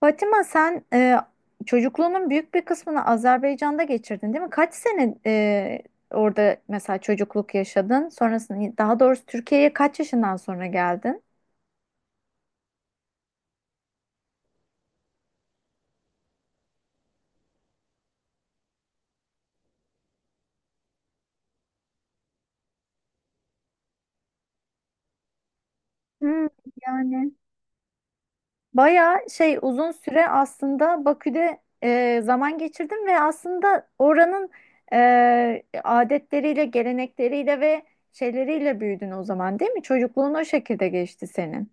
Fatima sen çocukluğunun büyük bir kısmını Azerbaycan'da geçirdin değil mi? Kaç sene orada mesela çocukluk yaşadın? Sonrasında daha doğrusu Türkiye'ye kaç yaşından sonra geldin? Hmm, yani bayağı şey uzun süre aslında Bakü'de zaman geçirdim ve aslında oranın adetleriyle, gelenekleriyle ve şeyleriyle büyüdün o zaman değil mi? Çocukluğun o şekilde geçti senin.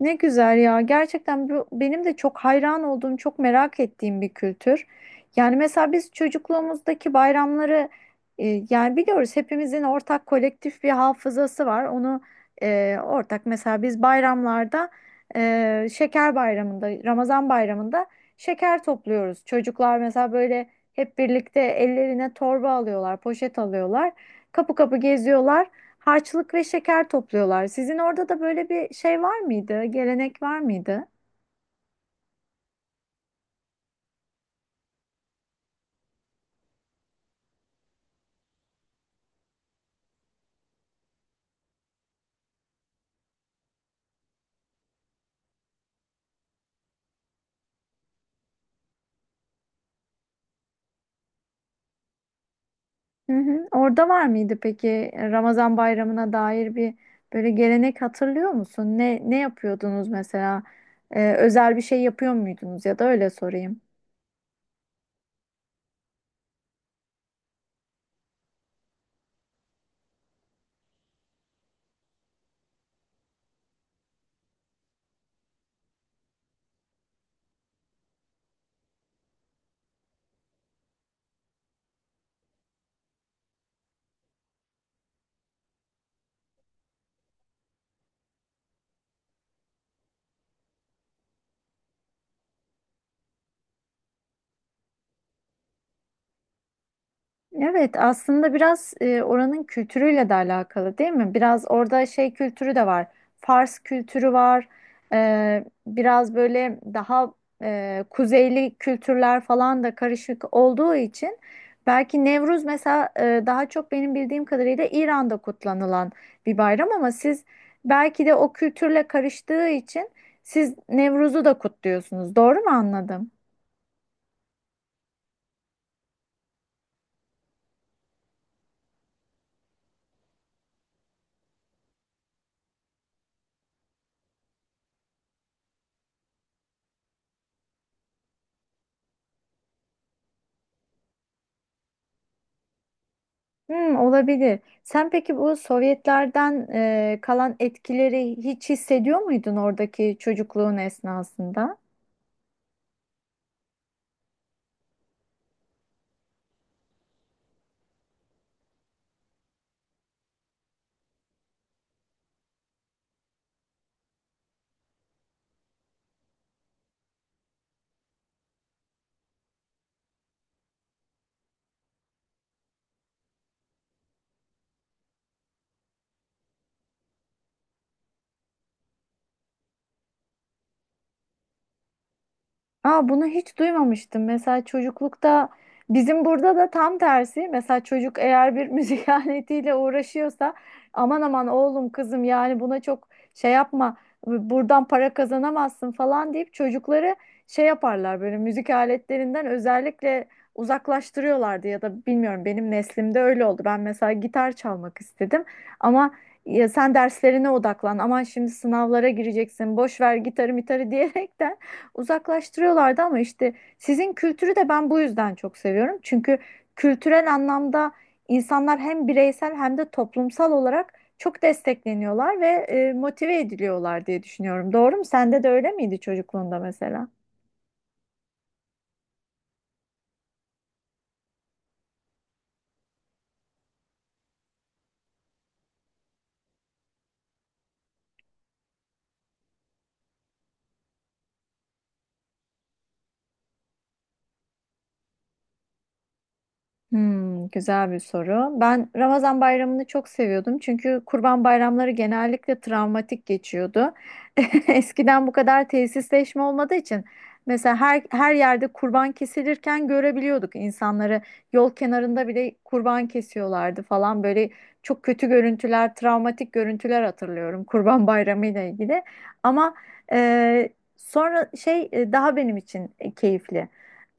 Ne güzel ya. Gerçekten bu benim de çok hayran olduğum, çok merak ettiğim bir kültür. Yani mesela biz çocukluğumuzdaki bayramları yani biliyoruz hepimizin ortak kolektif bir hafızası var. Onu ortak mesela biz bayramlarda şeker bayramında, Ramazan bayramında şeker topluyoruz. Çocuklar mesela böyle hep birlikte ellerine torba alıyorlar, poşet alıyorlar. Kapı kapı geziyorlar. Harçlık ve şeker topluyorlar. Sizin orada da böyle bir şey var mıydı? Gelenek var mıydı? Hı hı. Orada var mıydı peki Ramazan bayramına dair bir böyle gelenek hatırlıyor musun? Ne yapıyordunuz mesela? Özel bir şey yapıyor muydunuz ya da öyle sorayım. Evet, aslında biraz oranın kültürüyle de alakalı değil mi? Biraz orada şey kültürü de var. Fars kültürü var. Biraz böyle daha kuzeyli kültürler falan da karışık olduğu için belki Nevruz mesela daha çok benim bildiğim kadarıyla İran'da kutlanılan bir bayram ama siz belki de o kültürle karıştığı için siz Nevruz'u da kutluyorsunuz. Doğru mu anladım? Hmm, olabilir. Sen peki bu Sovyetlerden kalan etkileri hiç hissediyor muydun oradaki çocukluğun esnasında? Aa, bunu hiç duymamıştım. Mesela çocuklukta bizim burada da tam tersi. Mesela çocuk eğer bir müzik aletiyle uğraşıyorsa aman aman oğlum kızım, yani buna çok şey yapma, buradan para kazanamazsın falan deyip çocukları şey yaparlar, böyle müzik aletlerinden özellikle uzaklaştırıyorlardı ya da bilmiyorum, benim neslimde öyle oldu. Ben mesela gitar çalmak istedim ama ya sen derslerine odaklan, aman şimdi sınavlara gireceksin, boş ver gitarı mitarı diyerekten uzaklaştırıyorlardı, ama işte sizin kültürü de ben bu yüzden çok seviyorum. Çünkü kültürel anlamda insanlar hem bireysel hem de toplumsal olarak çok destekleniyorlar ve motive ediliyorlar diye düşünüyorum. Doğru mu? Sende de öyle miydi çocukluğunda mesela? Hmm, güzel bir soru. Ben Ramazan bayramını çok seviyordum, çünkü kurban bayramları genellikle travmatik geçiyordu. Eskiden bu kadar tesisleşme olmadığı için mesela her yerde kurban kesilirken görebiliyorduk insanları, yol kenarında bile kurban kesiyorlardı falan, böyle çok kötü görüntüler, travmatik görüntüler hatırlıyorum kurban bayramı ile ilgili. Ama e, sonra şey, daha benim için keyifli,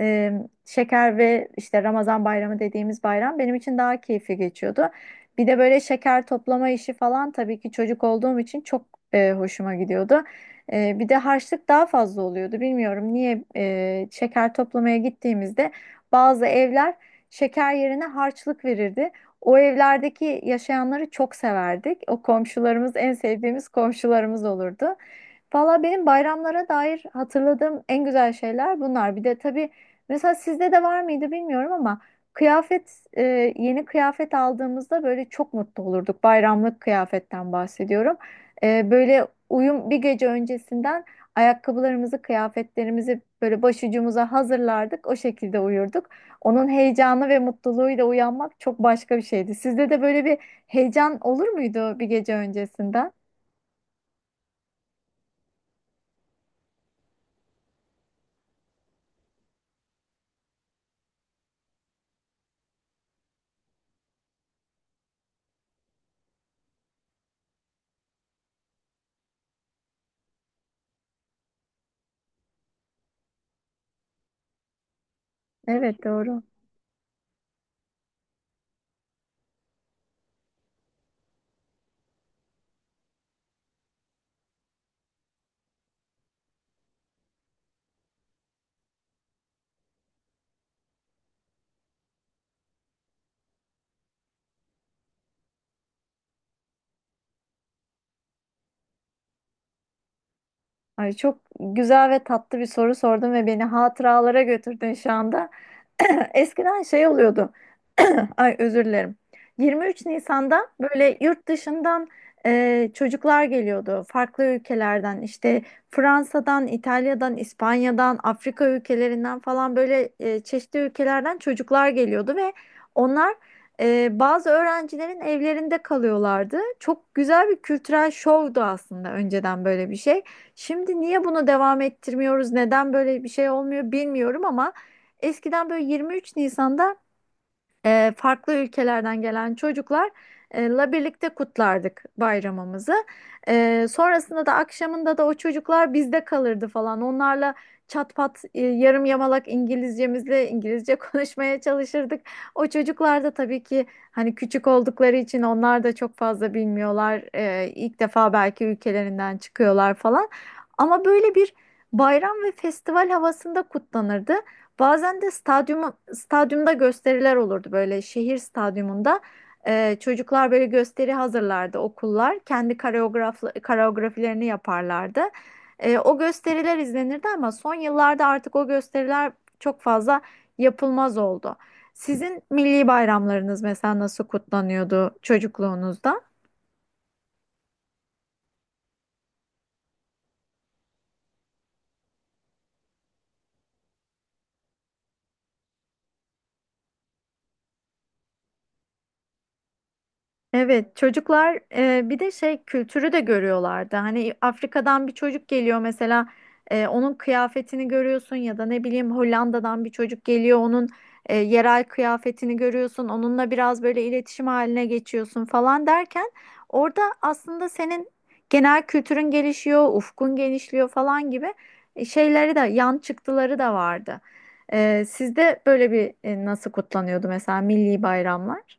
e, şeker ve işte Ramazan bayramı dediğimiz bayram benim için daha keyifli geçiyordu. Bir de böyle şeker toplama işi falan tabii ki çocuk olduğum için çok hoşuma gidiyordu. Bir de harçlık daha fazla oluyordu. Bilmiyorum niye, şeker toplamaya gittiğimizde bazı evler şeker yerine harçlık verirdi. O evlerdeki yaşayanları çok severdik. O komşularımız en sevdiğimiz komşularımız olurdu. Valla benim bayramlara dair hatırladığım en güzel şeyler bunlar. Bir de tabii, mesela sizde de var mıydı bilmiyorum ama kıyafet e, yeni kıyafet aldığımızda böyle çok mutlu olurduk. Bayramlık kıyafetten bahsediyorum. Böyle uyum, bir gece öncesinden ayakkabılarımızı, kıyafetlerimizi böyle başucumuza hazırlardık. O şekilde uyurduk. Onun heyecanı ve mutluluğuyla uyanmak çok başka bir şeydi. Sizde de böyle bir heyecan olur muydu bir gece öncesinden? Evet, doğru. Ay çok güzel ve tatlı bir soru sordun ve beni hatıralara götürdün şu anda. Eskiden şey oluyordu. Ay özür dilerim. 23 Nisan'da böyle yurt dışından çocuklar geliyordu. Farklı ülkelerden işte Fransa'dan, İtalya'dan, İspanya'dan, Afrika ülkelerinden falan böyle çeşitli ülkelerden çocuklar geliyordu ve onlar bazı öğrencilerin evlerinde kalıyorlardı. Çok güzel bir kültürel şovdu aslında önceden böyle bir şey. Şimdi niye bunu devam ettirmiyoruz, neden böyle bir şey olmuyor bilmiyorum, ama eskiden böyle 23 Nisan'da farklı ülkelerden gelen çocuklarla birlikte kutlardık bayramımızı. Sonrasında da akşamında da o çocuklar bizde kalırdı falan. Onlarla çat pat, yarım yamalak İngilizcemizle İngilizce konuşmaya çalışırdık. O çocuklar da tabii ki hani küçük oldukları için onlar da çok fazla bilmiyorlar. E, ilk defa belki ülkelerinden çıkıyorlar falan. Ama böyle bir bayram ve festival havasında kutlanırdı. Bazen de stadyumda gösteriler olurdu böyle şehir stadyumunda. Çocuklar böyle gösteri hazırlardı okullar. Kendi koreografilerini yaparlardı. O gösteriler izlenirdi ama son yıllarda artık o gösteriler çok fazla yapılmaz oldu. Sizin milli bayramlarınız mesela nasıl kutlanıyordu çocukluğunuzda? Evet, çocuklar bir de şey kültürü de görüyorlardı. Hani Afrika'dan bir çocuk geliyor mesela, onun kıyafetini görüyorsun ya da ne bileyim Hollanda'dan bir çocuk geliyor, onun yerel kıyafetini görüyorsun. Onunla biraz böyle iletişim haline geçiyorsun falan derken orada aslında senin genel kültürün gelişiyor, ufkun genişliyor falan gibi şeyleri de, yan çıktıları da vardı. Sizde böyle bir, nasıl kutlanıyordu mesela milli bayramlar?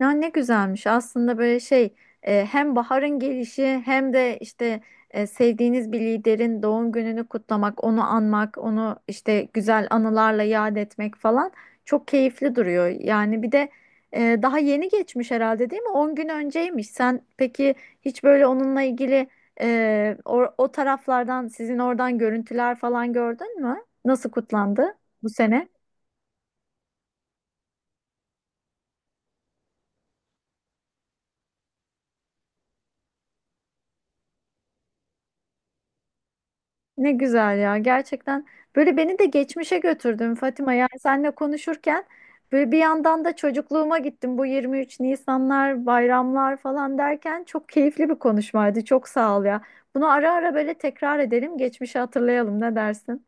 Ya ne güzelmiş aslında, böyle şey, hem baharın gelişi hem de işte sevdiğiniz bir liderin doğum gününü kutlamak, onu anmak, onu işte güzel anılarla yad etmek falan çok keyifli duruyor. Yani bir de daha yeni geçmiş herhalde, değil mi? On gün önceymiş. Sen peki hiç böyle onunla ilgili o taraflardan, sizin oradan görüntüler falan gördün mü? Nasıl kutlandı bu sene? Ne güzel ya, gerçekten böyle beni de geçmişe götürdün Fatima, yani seninle konuşurken böyle bir yandan da çocukluğuma gittim, bu 23 Nisanlar, bayramlar falan derken çok keyifli bir konuşmaydı, çok sağ ol ya, bunu ara ara böyle tekrar edelim, geçmişi hatırlayalım, ne dersin?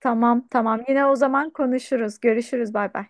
Tamam tamam, yine o zaman konuşuruz, görüşürüz, bay bay.